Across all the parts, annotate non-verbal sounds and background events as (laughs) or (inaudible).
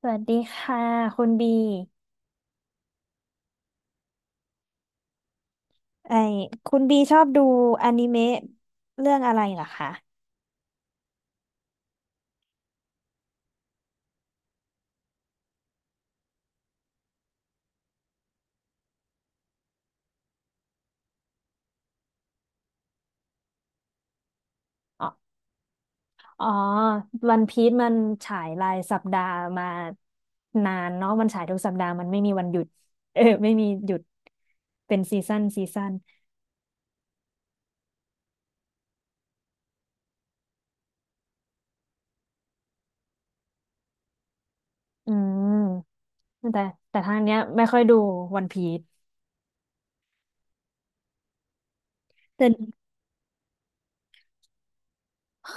สวัสดีค่ะคุณบีไอคุณบีชอบดูอนิเมะเรื่องอะไรเหรอคะ อ๋ออ๋อวันพีซมันฉายรายสัปดาห์มานานเนาะมันฉายทุกสัปดาห์มันไม่มีวันหยุด (laughs) เออไม่มีหยุด เป็นซีซั่นซีซั่นอืม แต่ แต่ทางเนี้ยไม่ค่อยดูวันพีซ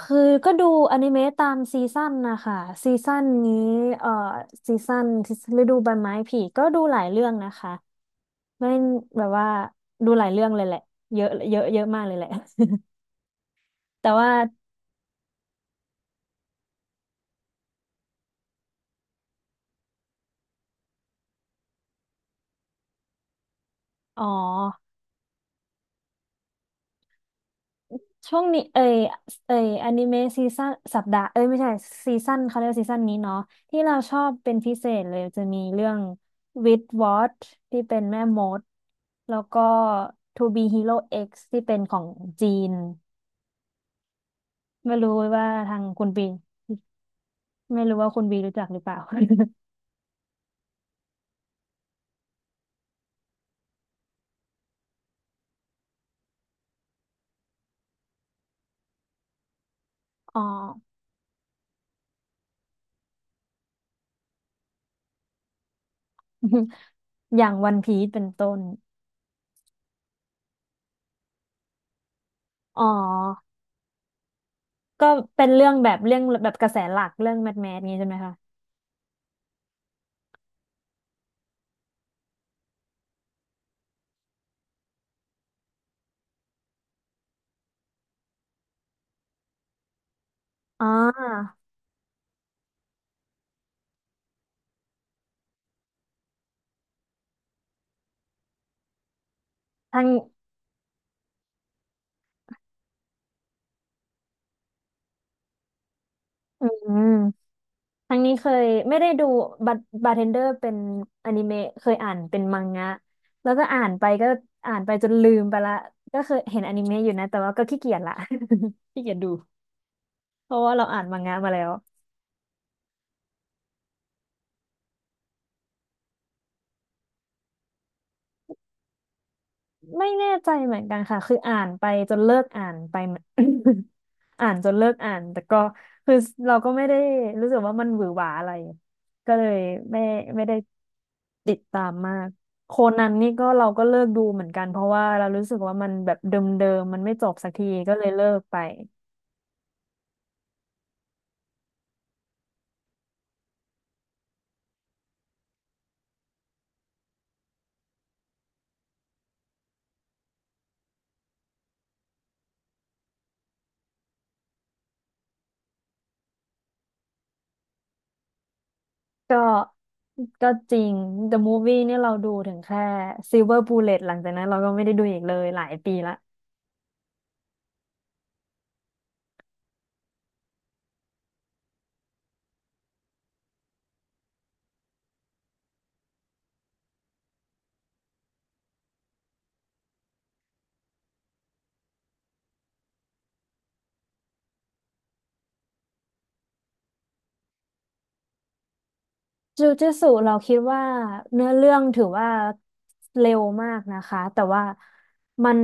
คือก็ดูอนิเมะตามซีซั่นนะคะซีซั่นนี้เอ่อซีซั่นฤดูใบไม้ผลิก็ดูหลายเรื่องนะคะไม่แบบว่าดูหลายเรื่องเลยแหละเยอะเยอะเยอะมากเลยแหละ (laughs) แต่ว่าอ๋อช่วงนี้เอยอนิเมะซีซั่นสัปดาห์เอ้ยไม่ใช่ซีซั่นเขาเรียกว่าซีซั่นนี้เนาะที่เราชอบเป็นพิเศษเลยจะมีเรื่อง With w a t ที่เป็นแม่มดแล้วก็ To Be Hero X ที่เป็นของจีน ไม่รู้ว่าทางคุณบีไม่รู้ว่าคุณบีรู้จักหรือเปล่า (laughs) อ๋อ (laughs) อย่างวันพีซเป็นต้นอ๋อก็เป็นเรื่องแบบเรื่องแบบกระแสหลักเรื่องแมสแมสนี้ใช่ไหมคะอ๋อทางอืมทางนี้เคยไม่ได้ดูบาบาร์เทนเดอร์เป็นอนิเมะเคยอ่านเป็นมังงะแล้วก็อ่านไปก็อ่านไปจนลืมไปละก็เคยเห็นอนิเมะอยู่นะแต่ว่าก็ขี้เกียจละ (laughs) ขี้เกียจดูเพราะว่าเราอ่านมังงะมาแล้ว ไม่แน่ใจเหมือนกันค่ะ คืออ่านไปจนเลิกอ่านไปเหมือน (coughs) (laughs) อ่านจนเลิกอ่านแต่ก็คือเราก็ไม่ได้รู้สึกว่ามันหวือหวาอะไรก็เลยไม่ไม่ได้ติดตามมากโคนันนี่ก็เราก็เลิกดูเหมือนกันเพราะว่าเรารู้สึกว่ามันแบบเดิมๆมันไม่จบสักทีก็เลยเลิกไปก็ก็จริง The Movie เนี่ยเราดูถึงแค่ Silver Bullet หลังจากนั้นเราก็ไม่ได้ดูอีกเลยหลายปีละ จูจ i ตสุเราคิดว่าเนื้อเรื่องถือว่าเร็วมากนะคะแต่ว่ามัน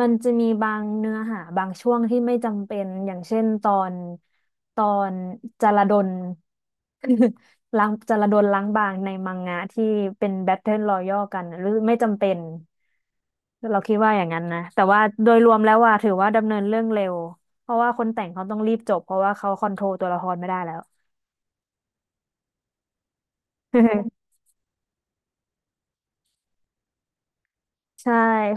มันจะมีบางเนื้อหาบางช่วงที่ไม่จำเป็นอย่างเช่นตอนตอนจารดล (laughs) ล้างจารดลล้างบางในมังงะที่เป็นแบทเทิลรอยัลกันน่ะหรือไม่จำเป็นเราคิดว่าอย่างนั้นนะแต่ว่าโดยรวมแล้วว่าถือว่าดำเนินเรื่องเร็วเพราะว่าคนแต่งเขาต้องรีบจบเพราะว่าเขาคอนโทรลตัวละครไม่ได้แล้ว (laughs) ใช่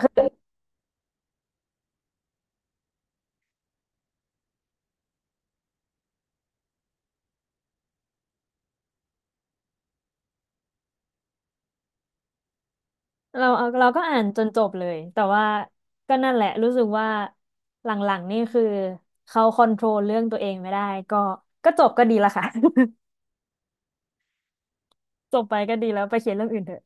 เราเอาเราก็อ่านจนจบเลยแต่ว่าก็นั่นแหละรู้สึกว่าหลังๆนี่คือเขาคอนโทรลเรื่องตัวเองไม่ได้ก็จบก็ดีละค่ะ (laughs) จบไปก็ดีแล้วไปเขียนเรื่องอื่นเถอะ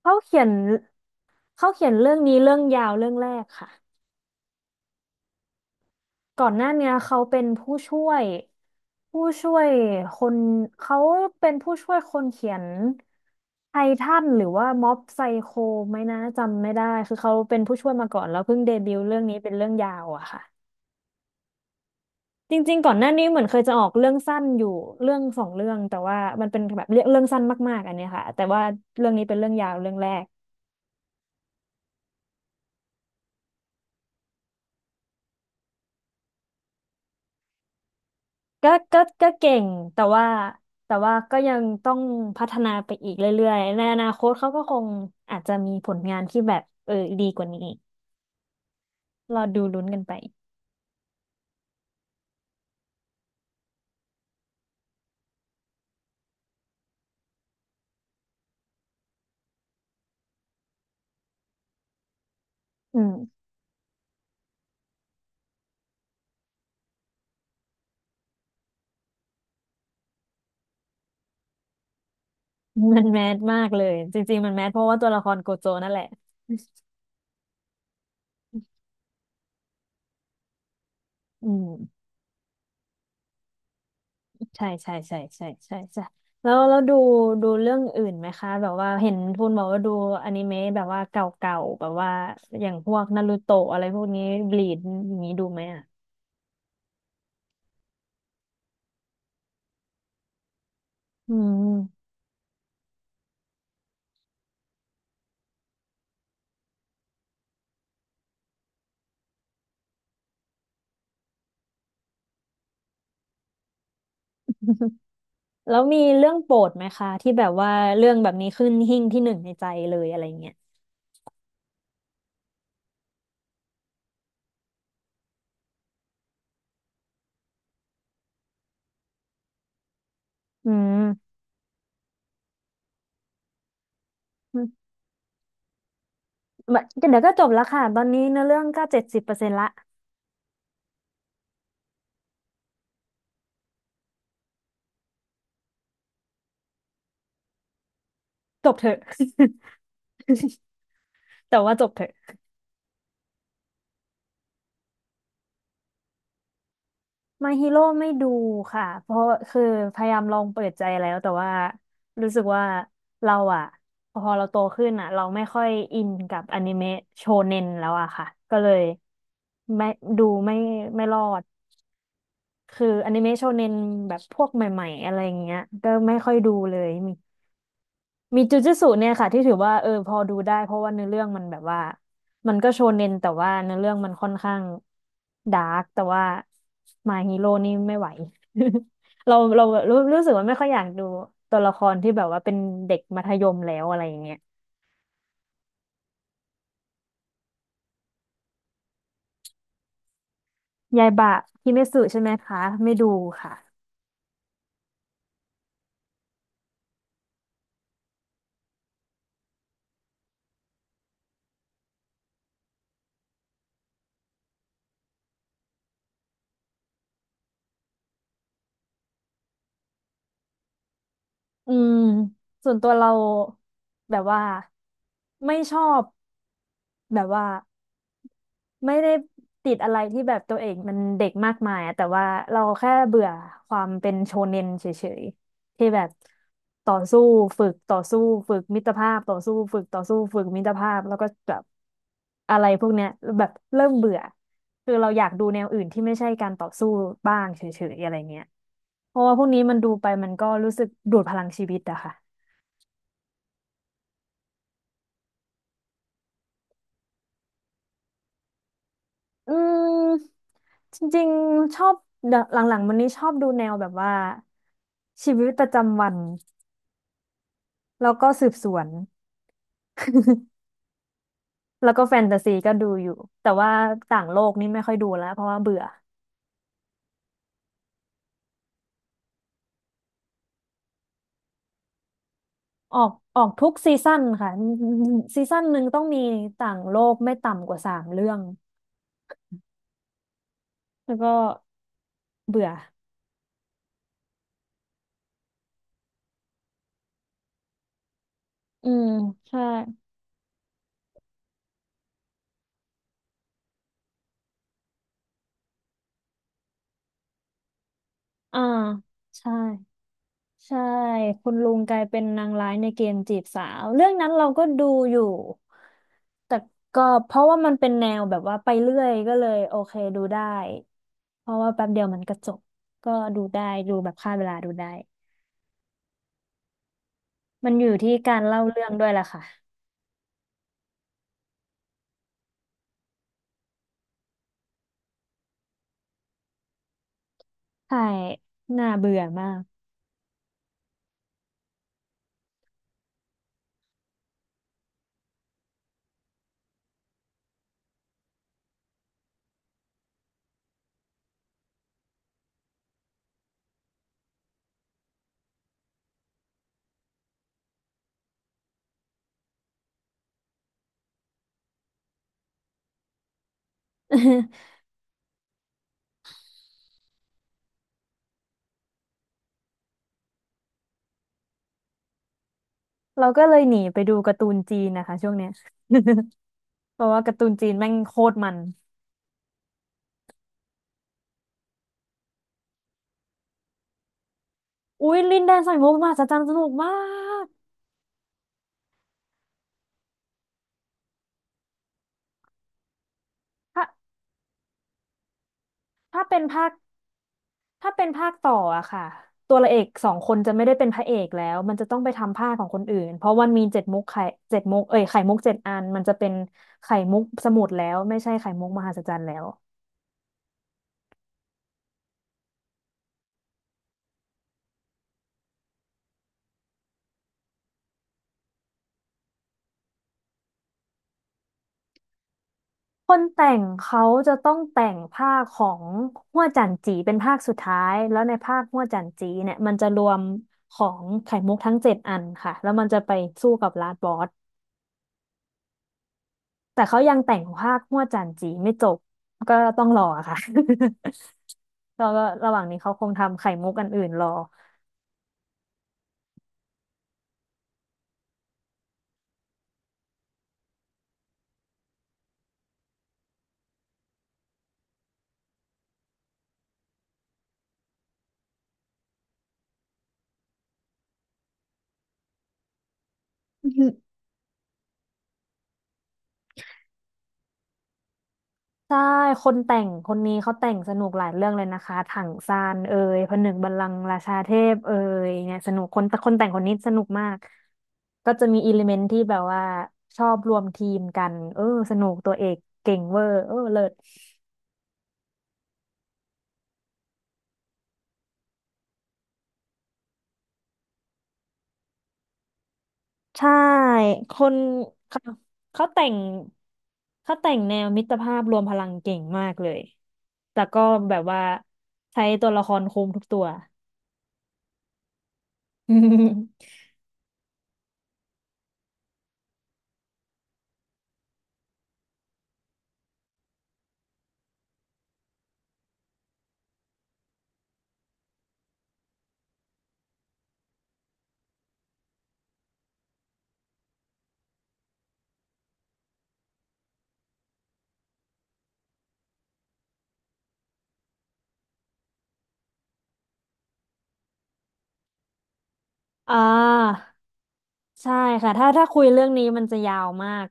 เขาเขียนเขาเขียนเรื่องนี้เรื่องยาวเรื่องแรกค่ะก่อนหน้าเนี้ยเขาเป็นผู้ช่วยผู้ช่วยคนเขาเป็นผู้ช่วยคนเขียนไททันหรือว่าม็อบไซโคไหมนะจำไม่ได้คือเขาเป็นผู้ช่วยมาก่อนแล้วเพิ่งเดบิวต์เรื่องนี้เป็นเรื่องยาวอะค่ะ จริงๆก่อนหน้านี้เหมือนเคยจะออกเรื่องสั้นอยู่เรื่องสองเรื่องแต่ว่ามันเป็นแบบเรื่องเรื่องสั้นมากๆอันเนี้ยค่ะแต่ว่าเรื่องนี้เป็นเรื่องยาวเรื่องแรกก็เก่งแต่ว่าก็ยังต้องพัฒนาไปอีกเรื่อยๆในอนาคตเขาก็คงอาจจะมีผลงานที่แบบเออดีกว่านี้รอดูลุ้นกันไปอืมมันแมสมากเลยจริงๆมันแมสเพราะว่าตัวละครโกโจนั่นแหละอืม ใช่ใช่ใช่ใช่ใช่ใช่แล้วดูเรื่องอื่นไหมคะแบบว่าเห็นทูนบอกว่าดูอนิเมะแบบว่าเก่าๆแบบว่าอย่างพวกนารูโตะอะไรพวกนี้บลีดอย่างนี้ดูไหมอ่ะอืม (laughs) แล้วมีเรื่องโปรดไหมคะที่แบบว่าเรื่องแบบนี้ขึ้นหิ้งที่หนึ่งในใจเลยอะไรเงี้ยอืมแบบเดี๋ยวก็จบแล้วค่ะตอนนี้เนื้อเรื่องก็70%ละจบเถอะ (laughs) แต่ว่าจบเถอะ ม y ฮ e โร่ไม่ดูค่ะเพราะคือพยายามลองเปิดใจแล้วแต่ว่ารู้สึกว่าเราอะพอเราโตขึ้นอะเราไม่ค่อยอินกับอนิเมะโชเน็นแล้วอะค่ะก็เลยไม่ดูไม่รอดคืออนิเมะโชเน็นแบบพวกใหม่ๆอะไรอย่างเงี้ยก็ไม่ค่อยดูเลย มีจูจูตรเนี่ยค่ะที่ถือว่าเออพอดูได้เพราะว่าเนื้อเรื่องมันแบบว่ามันก็โชเน็นแต่ว่าเนื้อเรื่องมันค่อนข้างดาร์กแต่ว่ามาฮีโร่นี่ไม่ไหว (laughs) เรารู้สึกว่าไม่ค่อยอยากดูตัวละครที่แบบว่าเป็นเด็กมัธยมแล้วอะไรอย่างเงี้ยยายบะฮิเมสึใช่ไหมคะไม่ดูค่ะอืมส่วนตัวเราแบบว่าไม่ชอบแบบว่า ไม่ได้ติดอะไรที่แบบตัวเองมันเด็กมากมายอะแต่ว่าเราแค่เบื่อความเป็นโชเน็นเฉยๆที่แบบต่อสู้ฝึกต่อสู้ฝึกมิตรภาพต่อสู้ฝึกต่อสู้ฝึกมิตรภาพแล้วก็แบบอะไรพวกเนี้ยแบบเริ่มเบื่อคือเราอยากดูแนวอื่นที่ไม่ใช่การต่อสู้บ้างเฉยๆอะไรเงี้ยเพราะว่าพวกนี้มันดูไปมันก็รู้สึกดูดพลังชีวิตอะค่ะ อืมจริงๆชอบเดี๋ยวหลังๆวันนี้ชอบดูแนวแบบว่าชีวิตประจำวันแล้วก็สืบสวนแล้วก็แฟนตาซีก็ดูอยู่แต่ว่าต่างโลกนี่ไม่ค่อยดูแล้วเพราะว่าเบื่อออกทุกซีซั่นค่ะซีซั่นหนึ่งต้องมีต่างโลกไม่ต่ำกว่าสามเรื่องแล้วก็เบื่ออืมใช่อ่าใช่ ใช่คุณลุงกลายเป็นนางร้ายในเกมจีบสาวเรื่องนั้นเราก็ดูอยู่แต่ก็เพราะว่ามันเป็นแนวแบบว่าไปเรื่อยก็เลยโอเคดูได้เพราะว่าแป๊บเดียวมันก็จบก็ดูได้ดูแบบฆ่าเวลาดูได้มันอยู่ที่การเล่าเรื่องด้วยล่ะค่ะใช่น่าเบื่อมาก (laughs) เราก็เลยหนีไปดูการ์ตูนจีนนะคะช่วงเนี้ย (laughs) เพราะว่าการ์ตูนจีนแม่งโคตรมันอุ้ยลินแดนสายมุกมหัศจรรย์สนุกมากถ้าถ้าเป็นภาค ถ้าเป็นภาคต่ออะค่ะตัวละเอกสองคนจะไม่ได้เป็นพระเอกแล้วมันจะต้องไปทำภาคของคนอื่นเพราะมันมีเจ็ดมุกไข่เจ็ดมุกเอ้ยไข่มุกเจ็ดอันมันจะเป็นไข่มุกสมุดแล้วไม่ใช่ไข่มุกมหัศจรรย์แล้วคนแต่งเขาจะต้องแต่งภาคของฮั่วจันจีเป็นภาคสุดท้ายแล้วในภาคฮั่วจันจีเนี่ยมันจะรวมของไข่มุกทั้งเจ็ดอันค่ะแล้วมันจะไปสู้กับลาดบอสแต่เขายังแต่งภาคฮั่วจันจีไม่จบก็ต้องรอค่ะ แล้วก็ระหว่างนี้เขาคงทำไข่มุกอันอื่นรออือหือใช่คนแต่งคนนี้เขาแต่งสนุกหลายเรื่องเลยนะคะถังซานเอ่ยผนึกบัลลังก์ราชาเทพเอ่ยเนี่ยสนุกคนแต่คนแต่งคนนี้สนุกมากก็จะมีอิเลเมนที่แบบว่าชอบรวมทีมกันเออสนุกตัวเอกเก่งเวอร์เออเลิศใช่คนเขาเขาแต่งเขาแต่งแนวมิตรภาพรวมพลังเก่งมากเลยแต่ก็แบบว่าใช้ตัวละครคุมทุกตัว (laughs) อ่าใช่ค่ะถ้าคุยเรื่องนี้มันจะยาวมาก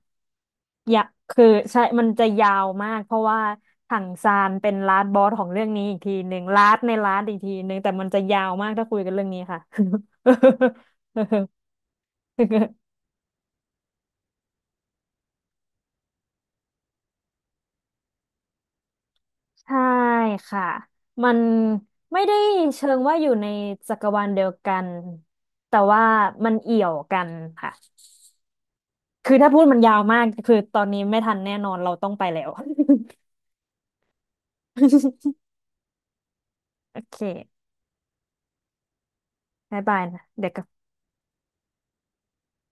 อยากคือใช่มันจะยาวมากเพราะว่าถังซานเป็นลาสบอสของเรื่องนี้อีกทีหนึ่งลาสในลาสอีกทีหนึ่งแต่มันจะยาวมากถ้าคุยกันเรื่องนี้ค่ะ (laughs) ใช่ค่ะมันไม่ได้เชิงว่าอยู่ในจักรวาลเดียวกันแต่ว่ามันเอี่ยวกันค่ะคือถ้าพูดมันยาวมากคือตอนนี้ไม่ทันแน่นอนเราต้องไปแล้ว (laughs) โอเคบายบายนะเดี๋ยวกลับ